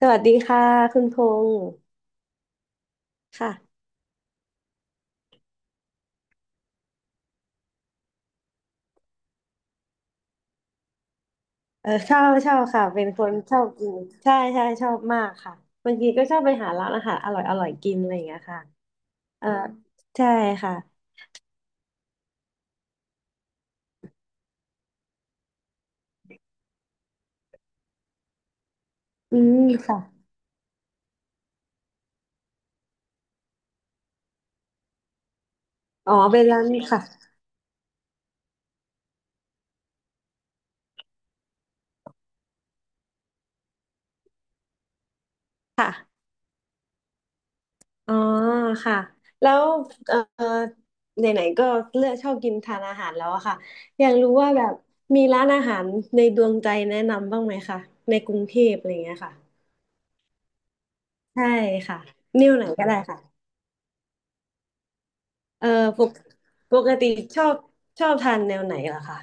สวัสดีค่ะคุณพงษ์ค่ะเออชอบค่ะเป็นคนชอบกินใช่ใช่ชอบมากค่ะบางทีก็ชอบไปหาร้านอาหารอร่อยอร่อยกินอะไรอย่างเงี้ยค่ะเออใช่ค่ะอืมค่ะอ๋อเป็นร้านค่ะอ๋อค่ะแล้วเออไหนๆก็เลือกชอบกินทานอาหารแล้วอะค่ะอยากรู้ว่าแบบมีร้านอาหารในดวงใจแนะนำบ้างไหมคะในกรุงเทพอะไรอย่างเงี้ยค่ะใช่ค่ะนิ้วไหนก็ได้ค่ะ เออปกปกติชอบชอบทานแนวไหนล่ะคะ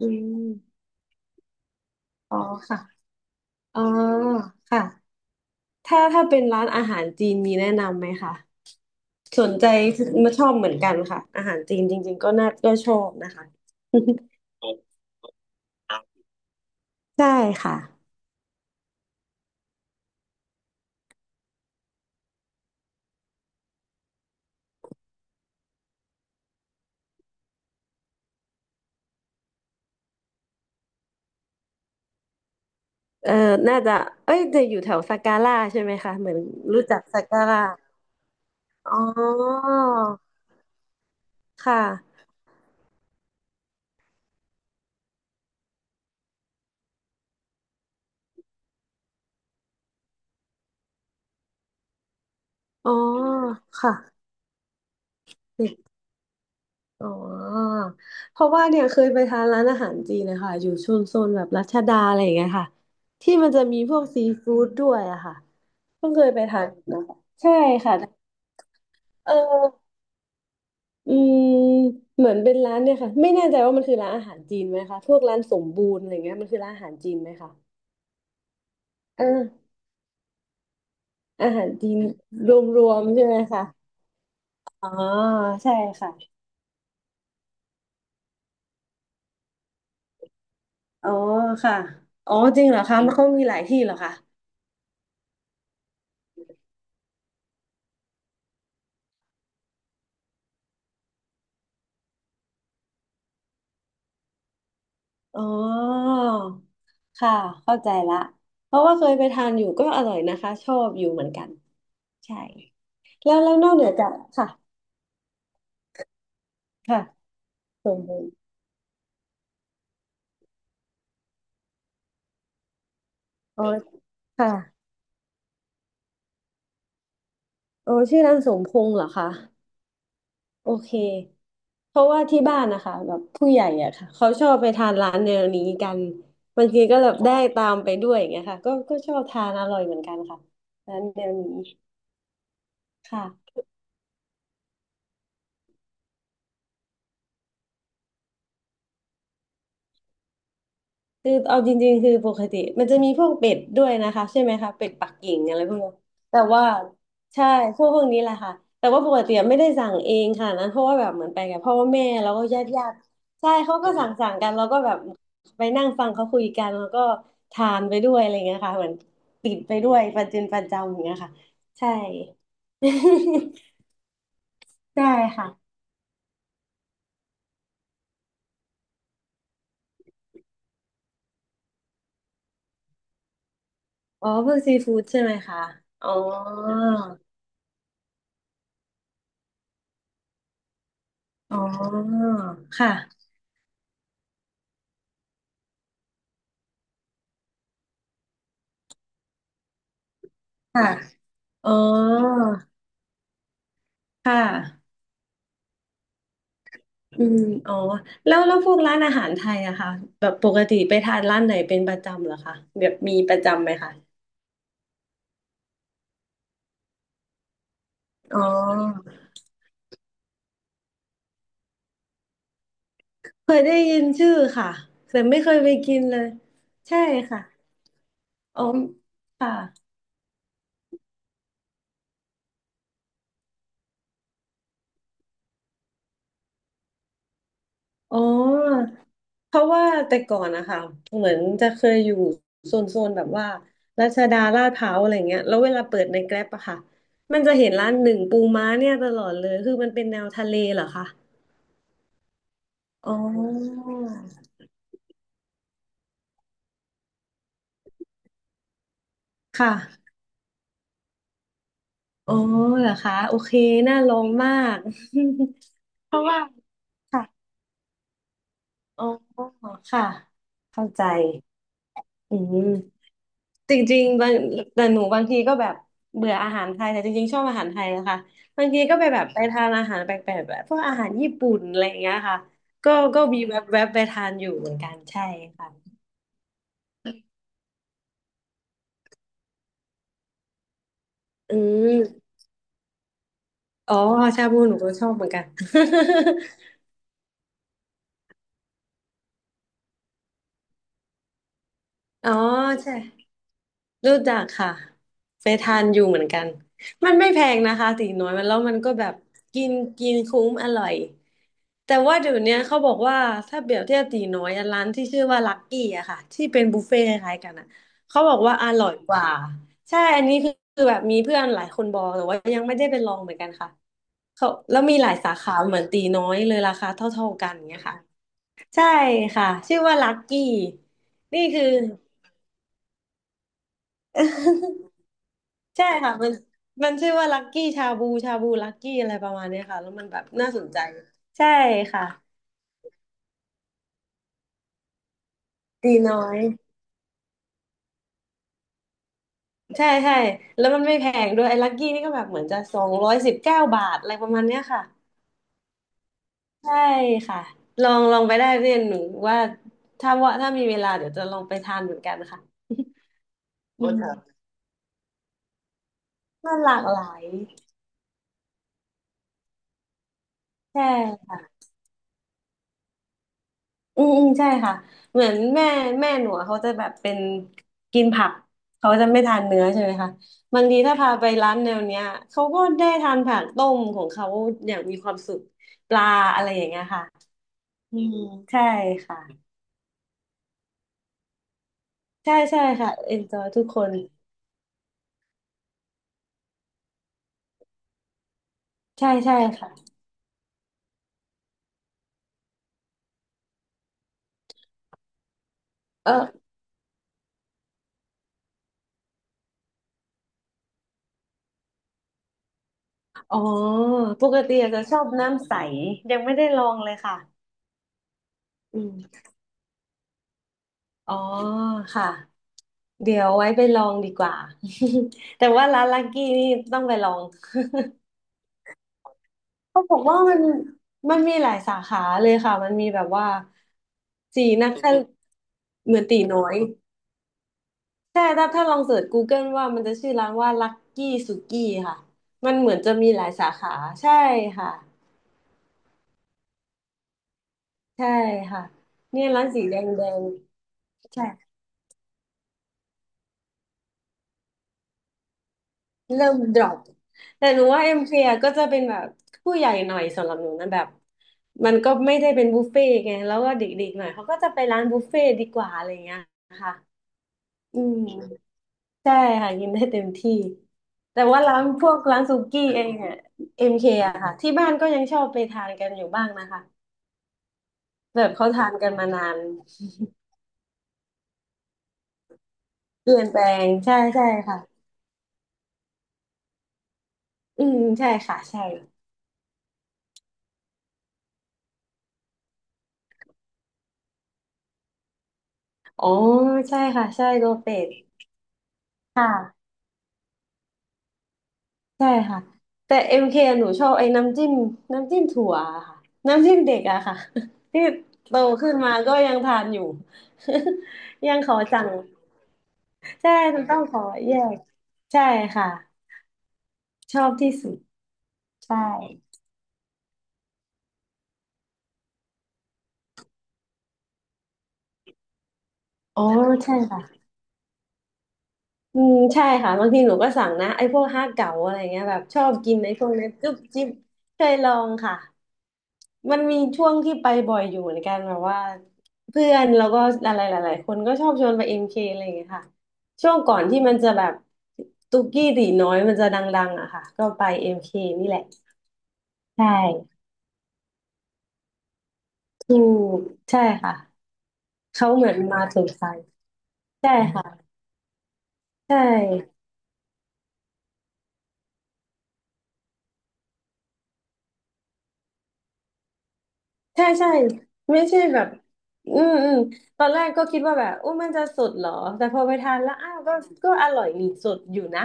อืมอ๋อค่ะอ๋อค่ะถ้าเป็นร้านอาหารจีนมีแนะนำไหมคะสนใจมาชอบเหมือนกันค่ะอาหารจีนจริงๆก็น่าก็ชอบนะคะ ใช่ค่ะเออน่าจะเอ้ยจะอยู่แถวสัการ่าใช่ไหมคะเหมือนรู้จักสักการ่าอ๋อค่ะอ๋อค่ะ อ๋อเพราะว่าเนี่ยเคยไปทานร้านอาหารจีนนะคะอยู่ชุมชนแบบรัชดาอะไรอย่างเงี้ยค่ะที่มันจะมีพวกซีฟู้ดด้วยอะค่ะเพิ่งเคยไปทานนะคะใช่ค่ะเอออืมเหมือนเป็นร้านเนี่ยค่ะไม่แน่ใจว่ามันคือร้านอาหารจีนไหมคะพวกร้านสมบูรณ์อะไรเงี้ยมันคือร้านอาหารจีนไหมคะอ่าอาหารจีนรวมๆใช่ไหมคะอ๋อใช่ค่ะอ๋อค่ะอ๋อจริงเหรอคะมันเขามีหลายที่เหรอคะ อ๋อค่ะ เข้าใจละ เพราะว่าเคยไปทานอยู่ก็อร่อยนะคะชอบอยู่เหมือนกัน ใช่แล้วนอกเหนือจากค่ะ ค่ะสมพงษ์อ๋อค่ะโอ้ชื่อร้านสมพงษ์เหรอคะโอเคเพราะว่าที่บ้านนะคะแบบผู้ใหญ่อะค่ะเขาชอบไปทานร้านแนวนี้กันบางทีก็แบบได้ตามไปด้วยอย่างเงี้ยค่ะก็ชอบทานอร่อยเหมือนกันค่ะร้านแนวนี้ค่ะ คือเอาจริงๆคือปกติมันจะมีพวกเป็ดด้วยนะคะใช่ไหมคะเป็ดปักกิ่งอะไรพวกนี้แต่ว่าใช่พวกนี้แหละค่ะแต่ว่าปกติไม่ได้สั่งเองค่ะนั้นเพราะว่าแบบเหมือนไปกับพ่อแม่แล้วก็ญาติญาติใช่เขาก็สั่งกันแล้วก็แบบไปนั่งฟังเขาคุยกันแล้วก็ทานไปด้วยอะไรเงี้ยค่ะเหมือนติดไปด้วยประจินประจำอย่างเงี้ยค่ะใช่ ใช่ค่ะอ๋อพวกซีฟู้ดใช่ไหมคะอ๋ออ๋อค่ะค่ะ อ๋อค่ะอืมอ๋อแล้วพวกร้านอาหารไทยอะค่ะแบบปกติไปทานร้านไหนเป็นประจำเหรอคะแบบมีประจำไหมคะอ๋อเคยได้ยินชื่อค่ะแต่ไม่เคยไปกินเลยใช่ค่ะอ๋อค่ะอ๋อเพราะว่าแต่ก่อนนะคะเหมือนจะเคยอยู่โซนแบบว่ารัชดาลาดพร้าวอะไรเงี้ยแล้วเวลาเปิดในแกร็บอะค่ะมันจะเห็นร้านหนึ่งปูม้าเนี่ยตลอดเลยคือมันเป็นแนวทะเลเหรอคะ อ๋อค่ะอ๋อเหรอคะโอเคน่าลองมาก เพราะว่าค่ะอ๋อค่ะเข้าใจอืมจริงๆบางแต่หนูบางทีก็แบบเบื่ออาหารไทยแต่จริงๆชอบอาหารไทยนะคะบางทีก็ไปแบบไปทานอาหารแปลกๆแบบพวกอาหารญี่ปุ่นอะไรอย่างเงี้ยค่ะก็มีแวบๆไปทานอยู่เหมือนกันใช่ค่ะอืมอ๋อชาบูหนูก็ชอบเหมือนกัน อ๋อใช่ รู้จักค่ะไปทานอยู่เหมือนกันมันไม่แพงนะคะตีน้อยมันแล้วมันก็แบบกินกินคุ้มอร่อยแต่ว่าเดี๋ยวเนี้ยเขาบอกว่าถ้าเปรียบเทียบตีน้อยอะร้านที่ชื่อว่าลักกี้อะค่ะที่เป็นบุฟเฟ่ต์คล้ายๆกันอะเขาบอกว่าอร่อยกว่าใช่อันนี้คือคือแบบมีเพื่อนหลายคนบอกแต่ว่ายังไม่ได้ไปลองเหมือนกันค่ะเขาแล้วมีหลายสาขาเหมือนตีน้อยเลยราคาเท่าๆกันอย่างเงี้ยค่ะใช่ค่ะชื่อว่าลักกี้นี่คือ ใช่ค่ะมันมันชื่อว่าลักกี้ชาบูชาบูลักกี้อะไรประมาณเนี้ยค่ะแล้วมันแบบน่าสนใจใช่ค่ะตีน้อยใช่ใช่แล้วมันไม่แพงด้วยไอ้ลักกี้นี่ก็แบบเหมือนจะ219 บาทอะไรประมาณเนี้ยค่ะใช่ค่ะลองไปได้เพื่อนหนูว่าว่าถ้ามีเวลาเดี๋ยวจะลองไปทานเหมือนกันค่ะ อือมรัมันหลากหลายใช่ อืมอืมใช่ค่ะเหมือนแม่หนูอะเขาจะแบบเป็นกินผักเขาจะไม่ทานเนื้อใช่ไหมคะบางทีถ้าพาไปร้านแนวเนี้ยเขาก็ได้ทานผักต้มของเขาอย่างมีความสุขปลาอะไรอย่างเงี้ยค่ะอืมใช่ค่ะใช่ใช่ค่ะ enjoy ทุกคนใช่ใช่ค่ะเอออ๋อปกติอาจจะชอบน้ำใสยังไม่ได้ลองเลยค่ะอืม อ๋อค่ะเดี๋ยวไว้ไปลองดีกว่า แต่ว่าร้านลักกี้นี่ต้องไปลองเขาบอกว่ามันมีหลายสาขาเลยค่ะมันมีแบบว่าสีนักคเหมือนตีน้อยใช่ถ้าลองเสิร์ชกูเกิลว่ามันจะชื่อร้านว่าลักกี้สุกี้ค่ะมันเหมือนจะมีหลายสาขาใช่ค่ะใช่ค่ะเนี่ยร้านสีแดงแดงใช่ เริ่ม drop แต่หนูว่าเอ็มเฟียก็จะเป็นแบบผู้ใหญ่หน่อยสำหรับหนูนะแบบมันก็ไม่ได้เป็นบุฟเฟ่ต์ไงแล้วก็เด็กๆหน่อยเขาก็จะไปร้านบุฟเฟ่ต์ดีกว่าอะไรเงี้ยค่ะอืมใช่ค่ะกินได้เต็มที่แต่ว่าร้านพวกร้านซูกี้เองอะเอ็มเคอะค่ะที่บ้านก็ยังชอบไปทานกันอยู่บ้างนะคะแบบเขาทานกันมานานเปลี่ยนแปลงใช่ใช่ค่ะอืมใช่ค่ะใช่อ๋อใช่ค่ะใช่โกเป็ดค่ะ ใช่ค่ะแต่เอ็มเคหนูชอบไอ้น้ำจิ้มน้ำจิ้มถั่วอะค่ะน้ำจิ้มเด็กอะค่ะ ที่โตขึ้นมาก็ยังทานอยู่ ยังขอสั่งใช่หนูต้องขอแยกใช่ค่ะชอบที่สุดใช่โอ้ใช่ค่ะ อืมใช่ค่ะบางทีหนูก็สั่งนะไอ้พวกห้าเก๋าอะไรเงี้ยแบบชอบกินไอ้พวกนั้นจุ๊บจิ๊บเคยลองค่ะมันมีช่วงที่ไปบ่อยอยู่เหมือนกันแบบว่าเพื่อนแล้วก็อะไรหลายๆ คนก็ชอบชวนไปเอ็มเคอะไรอย่างเงี้ยค่ะช่วงก่อนที่มันจะแบบตุกกี้ตีน้อยมันจะดังๆอะค่ะก็ไปเอ็มเคนี่แหละใช่ถูกใช่ค่ะเขาเหมือนมาถูกใจใช่ค่ะใช่ ใช่ใช่ไม่ใช่แบบอืมอืมตอนแรกก็คิดว่าแบบโอ้มันจะสดเหรอแต่พอไปทานแล้วอ้าวก็ก็อร่อยดีสดอยู่นะ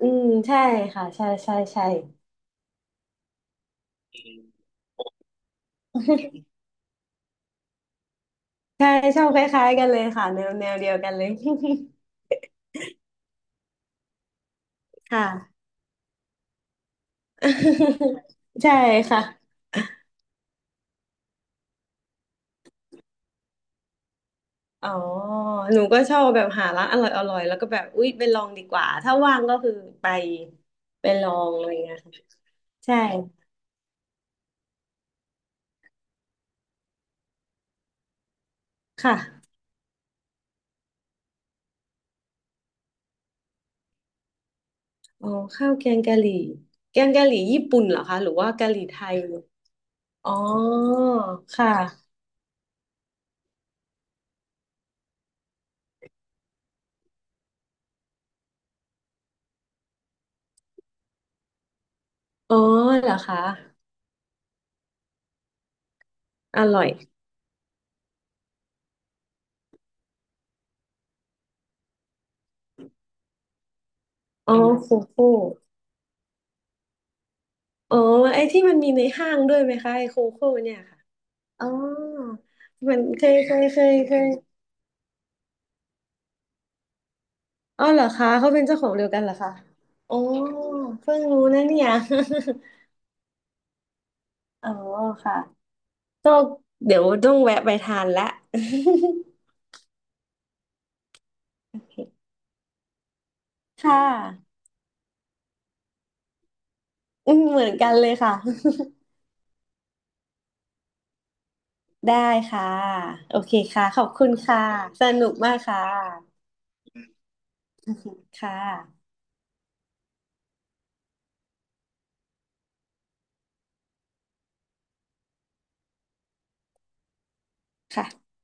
อืมใช่ค่ะใช่ใช่ใช่ใช่ชอบคล้ายๆกันเลยค่ะแนวแนวเดียวกันเลย ค่ะ ใช่ค่ะอ๋อหนูก็ชอบแบบหาร้านอร่อยอร่อยแล้วก็แบบอุ๊ยไปลองดีกว่าถ้าว่างก็คือไปไปลองอะไรอย่างเงี้ยค่ะใช่ค่ะ อ๋อข้าวแกงกะหรี่แกงกะหรี่ญี่ปุ่นเหรอคะหรือว่ากะหรี่ไทยอ๋อค่ะอ๋อเหรอคะอร่อยอ๋อโคโค่อ๋อไอ้ที่มันมีในห้างด้วยไหมคะไอ้โคโค่เนี่ยค่ะอ๋อมันเคยอ๋อเหรอคะเขาเป็นเจ้าของเดียวกันเหรอคะอ๋อเพิ่งรู้นะเนี่ย อ๋อค่ะก็เดี๋ยวต้องแวะไปทานละ ค่ะอืมเหมือนกันเลยค่ะ ได้ค่ะ โอเคค่ะ ขอบคุณค่ะ สนุกมากค่ะค่ะค่ะ